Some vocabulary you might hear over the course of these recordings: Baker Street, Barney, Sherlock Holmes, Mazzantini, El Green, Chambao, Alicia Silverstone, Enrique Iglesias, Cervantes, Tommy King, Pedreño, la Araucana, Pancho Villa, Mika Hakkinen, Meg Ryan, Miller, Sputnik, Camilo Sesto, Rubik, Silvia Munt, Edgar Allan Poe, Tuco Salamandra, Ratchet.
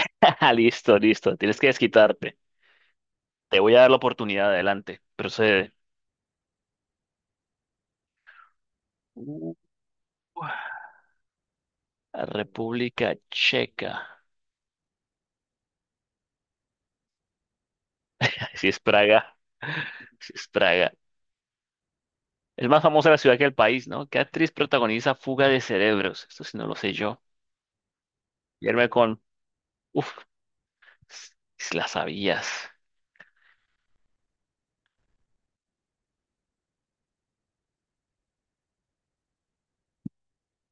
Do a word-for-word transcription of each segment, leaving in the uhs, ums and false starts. Listo, listo. Tienes que desquitarte. Te voy a dar la oportunidad. Adelante. Procede. Uh, República Checa. Si es Praga. Si es Praga. Es más famosa la ciudad que el país, ¿no? ¿Qué actriz protagoniza Fuga de Cerebros? Esto sí no lo sé yo. Irme con... Uf, si la sabías.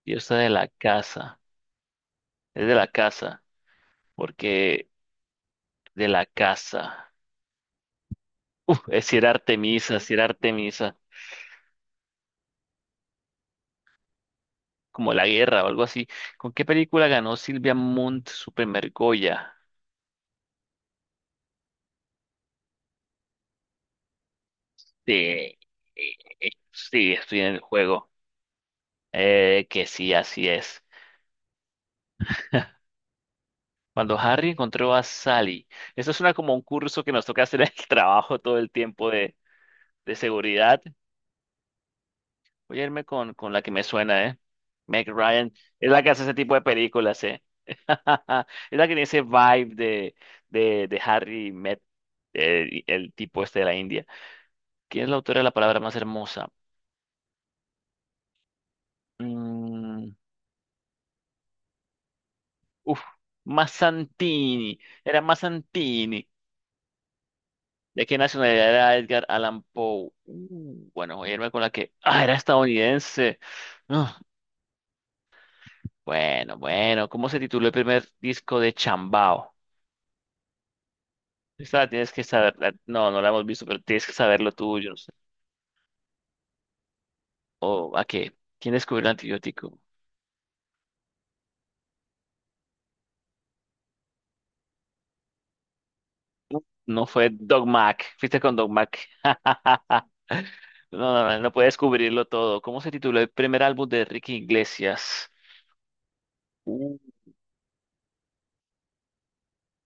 Yo soy de la casa. Es de la casa. Porque de la casa. Uf, es si era Artemisa, si era Artemisa. Como La Guerra o algo así. ¿Con qué película ganó Silvia Munt su primer Goya? Sí, eh, eh, sí, estoy en el juego. Eh, que sí, así es. Cuando Harry encontró a Sally. Eso suena como un curso que nos toca hacer en el trabajo todo el tiempo de, de seguridad. Voy a irme con, con la que me suena, ¿eh? Meg Ryan. Es la que hace ese tipo de películas, ¿eh? Es la que tiene ese vibe de, de, de Harry Met, eh, el tipo este de la India. ¿Quién es la autora de la palabra más hermosa? Mm, uf, Mazzantini. Era Mazzantini. ¿De qué nacionalidad era Edgar Allan Poe? Uh, bueno, voy a irme con la que. Ah, era estadounidense. Ah, bueno, bueno. ¿Cómo se tituló el primer disco de Chambao? Esta la tienes que saber. La- no, no la hemos visto, pero tienes que saberlo tú, yo no sé. ¿O a qué? ¿Quién descubrió el antibiótico? No fue Doc Mac. Fuiste con Doc Mac. No, no, no, no puedes cubrirlo todo. ¿Cómo se tituló el primer álbum de Enrique Iglesias? Uh,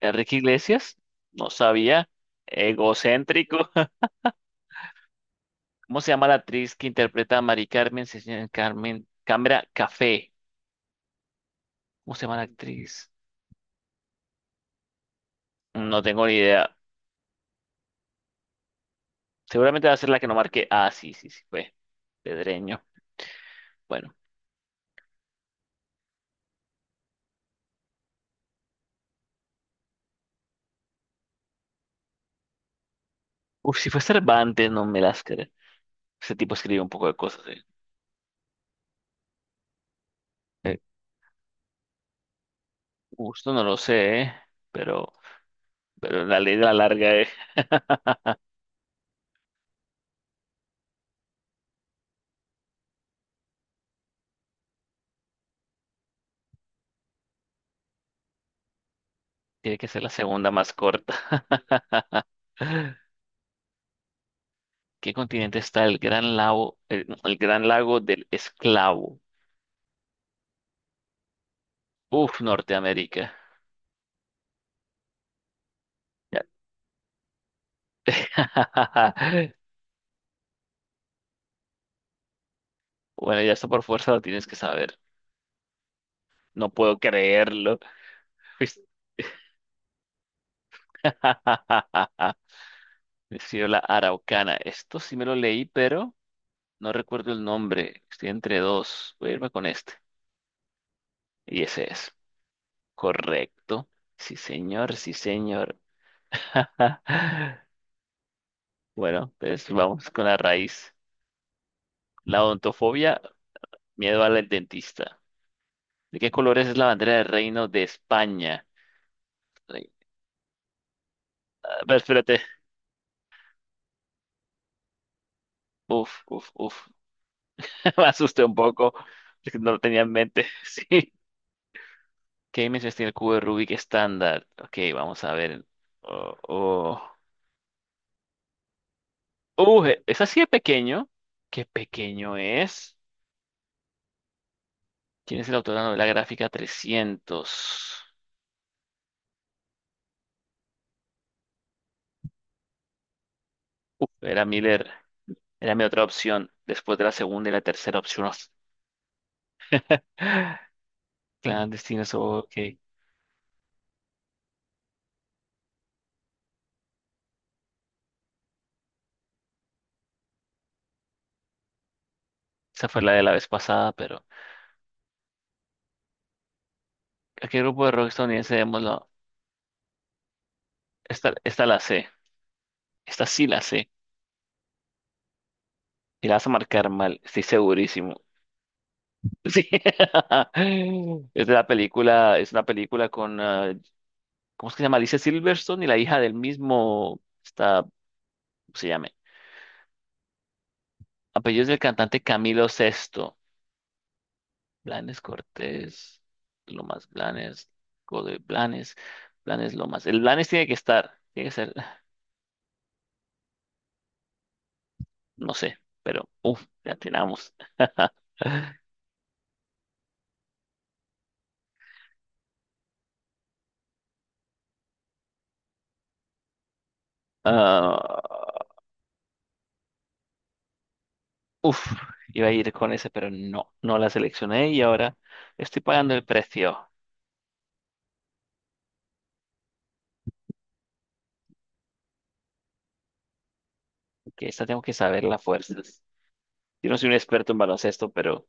Enrique Iglesias, no sabía. Egocéntrico. ¿Cómo se llama la actriz que interpreta a Mari Carmen? Se llama Carmen Cámara Café. ¿Cómo se llama la actriz? No tengo ni idea. Seguramente va a ser la que no marqué. Ah, sí, sí, sí, fue Pedreño. Bueno. Uf, si fue Cervantes, no me las creo. Ese tipo escribe un poco de cosas, eh. Eh, Justo no lo sé, eh, Pero, pero la ley de la larga, eh. Tiene que ser la segunda más corta. ¿Qué continente está el Gran Lago, el, no, el Gran Lago del Esclavo? Uf, Norteamérica. Ya- Bueno, ya está por fuerza, lo tienes que saber. No puedo creerlo. La Araucana. Esto sí me lo leí, pero no recuerdo el nombre. Estoy entre dos. Voy a irme con este. Y ese es. Correcto. Sí, señor, sí, señor. Bueno, pues vamos con la raíz. La odontofobia, miedo al dentista. ¿De qué colores es la bandera del Reino de España? Re- a ver, espérate. Uf, uf, uf. Me asusté un poco porque no lo tenía en mente. Sí. ¿Qué dimensiones tiene el cubo de Rubik estándar? Ok, vamos a ver. Oh, oh. Uh, e- es así de pequeño. ¿Qué pequeño es? ¿Quién es el autor de la novela gráfica trescientos? Uf, era Miller. Era mi otra opción. Después de la segunda y la tercera opción. Clandestinos, ok. Esa fue la de la vez pasada, pero ¿a qué grupo de rock estadounidense démoslo? Esta, esta la sé. Esta sí la sé. Y la vas a marcar mal, estoy segurísimo. Sí. Es de la película, es una película con, ah, ¿cómo es que se llama? Alicia Silverstone y la hija del mismo, está, ¿cómo se llama? Apellido es del cantante Camilo Sesto. Blanes Cortés, Lomas Blanes, Godoy Blanes, Blanes Lomas. El Blanes tiene que estar, tiene que ser, no sé, pero, uff, ya tenemos. Uf, iba a ir con ese, pero no, no la seleccioné y ahora estoy pagando el precio, que esta tengo que saber las fuerzas. Yo no soy un experto en baloncesto, pero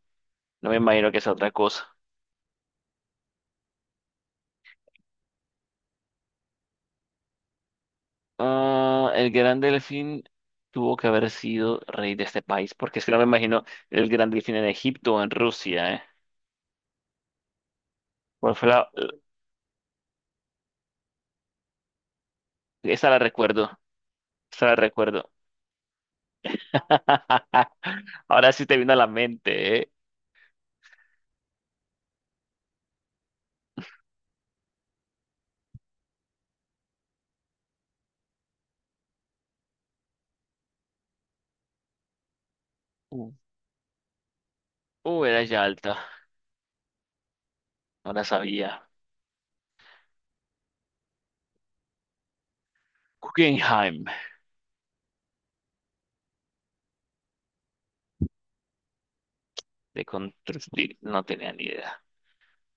no me imagino que sea otra cosa. Ah, el Gran Delfín tuvo que haber sido rey de este país, porque es que no me imagino el Gran Delfín en Egipto o en Rusia, ¿eh? ¿Cuál fue la... Esa la recuerdo, esa la recuerdo. Ahora sí te vino a la mente, ¿eh? Uh, uh, Era Yalta, no la sabía. Guggenheim. De construir, no tenía ni idea.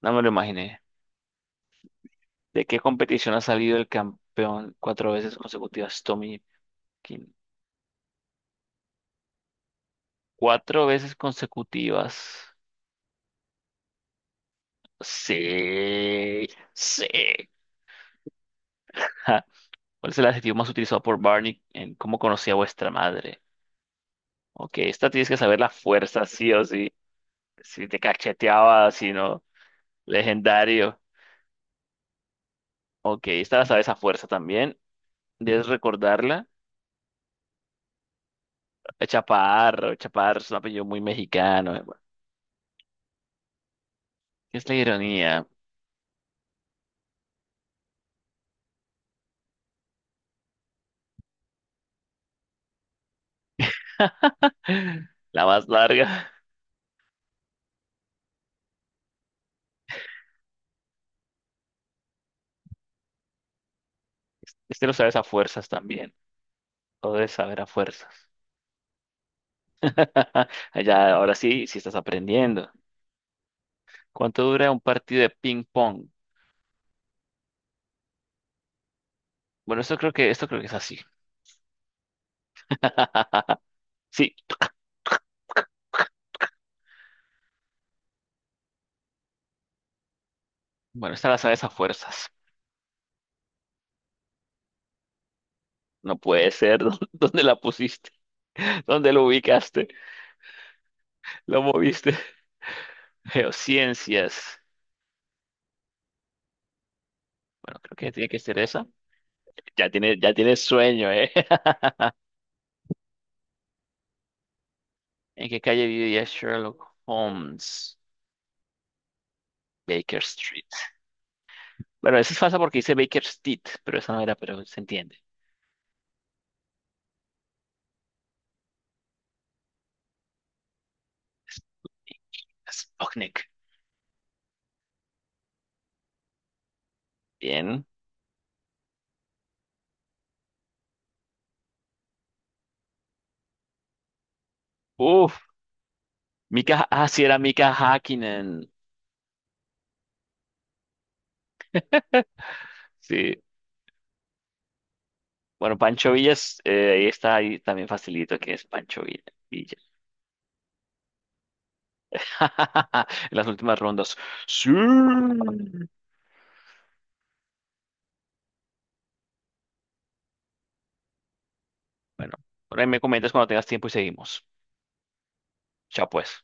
No me lo imaginé. ¿De qué competición ha salido el campeón cuatro veces consecutivas, Tommy King? Cuatro veces consecutivas. Sí, sí. Ja. ¿Cuál es el adjetivo más utilizado por Barney en cómo conocí a vuestra madre? Ok, esta tienes que saber la fuerza, sí o sí. Si te cacheteaba, si no, legendario. Ok, esta la sabes a fuerza también. Debes recordarla. Chaparro, Chaparro es un apellido muy mexicano. Es la ironía, la más larga. Este lo sabes a fuerzas también. Lo debes saber a fuerzas. Ya, ahora sí, sí estás aprendiendo. ¿Cuánto dura un partido de ping pong? Bueno, esto creo que, esto creo que es así. Sí, bueno, esta la sabes a fuerzas. No puede ser. ¿Dó- ¿dónde la pusiste? ¿Dónde lo ubicaste? ¿Lo moviste? Geociencias. Bueno, creo que tiene que ser esa. Ya tiene, ya tiene sueño, ¿eh? ¿En qué calle vivía Sherlock Holmes? Baker Street. Bueno, eso es falsa porque dice Baker Street, pero esa no era, pero se entiende. Es- es Sputnik. Bien. Uf, Mika, ah, sí, era Mika Hakkinen. Sí. Bueno, Pancho Villas, eh, ahí está, ahí también facilito que es Pancho Villa. Villa. En las últimas rondas. Sí. Bueno, por ahí me comentas cuando tengas tiempo y seguimos. Chao, pues.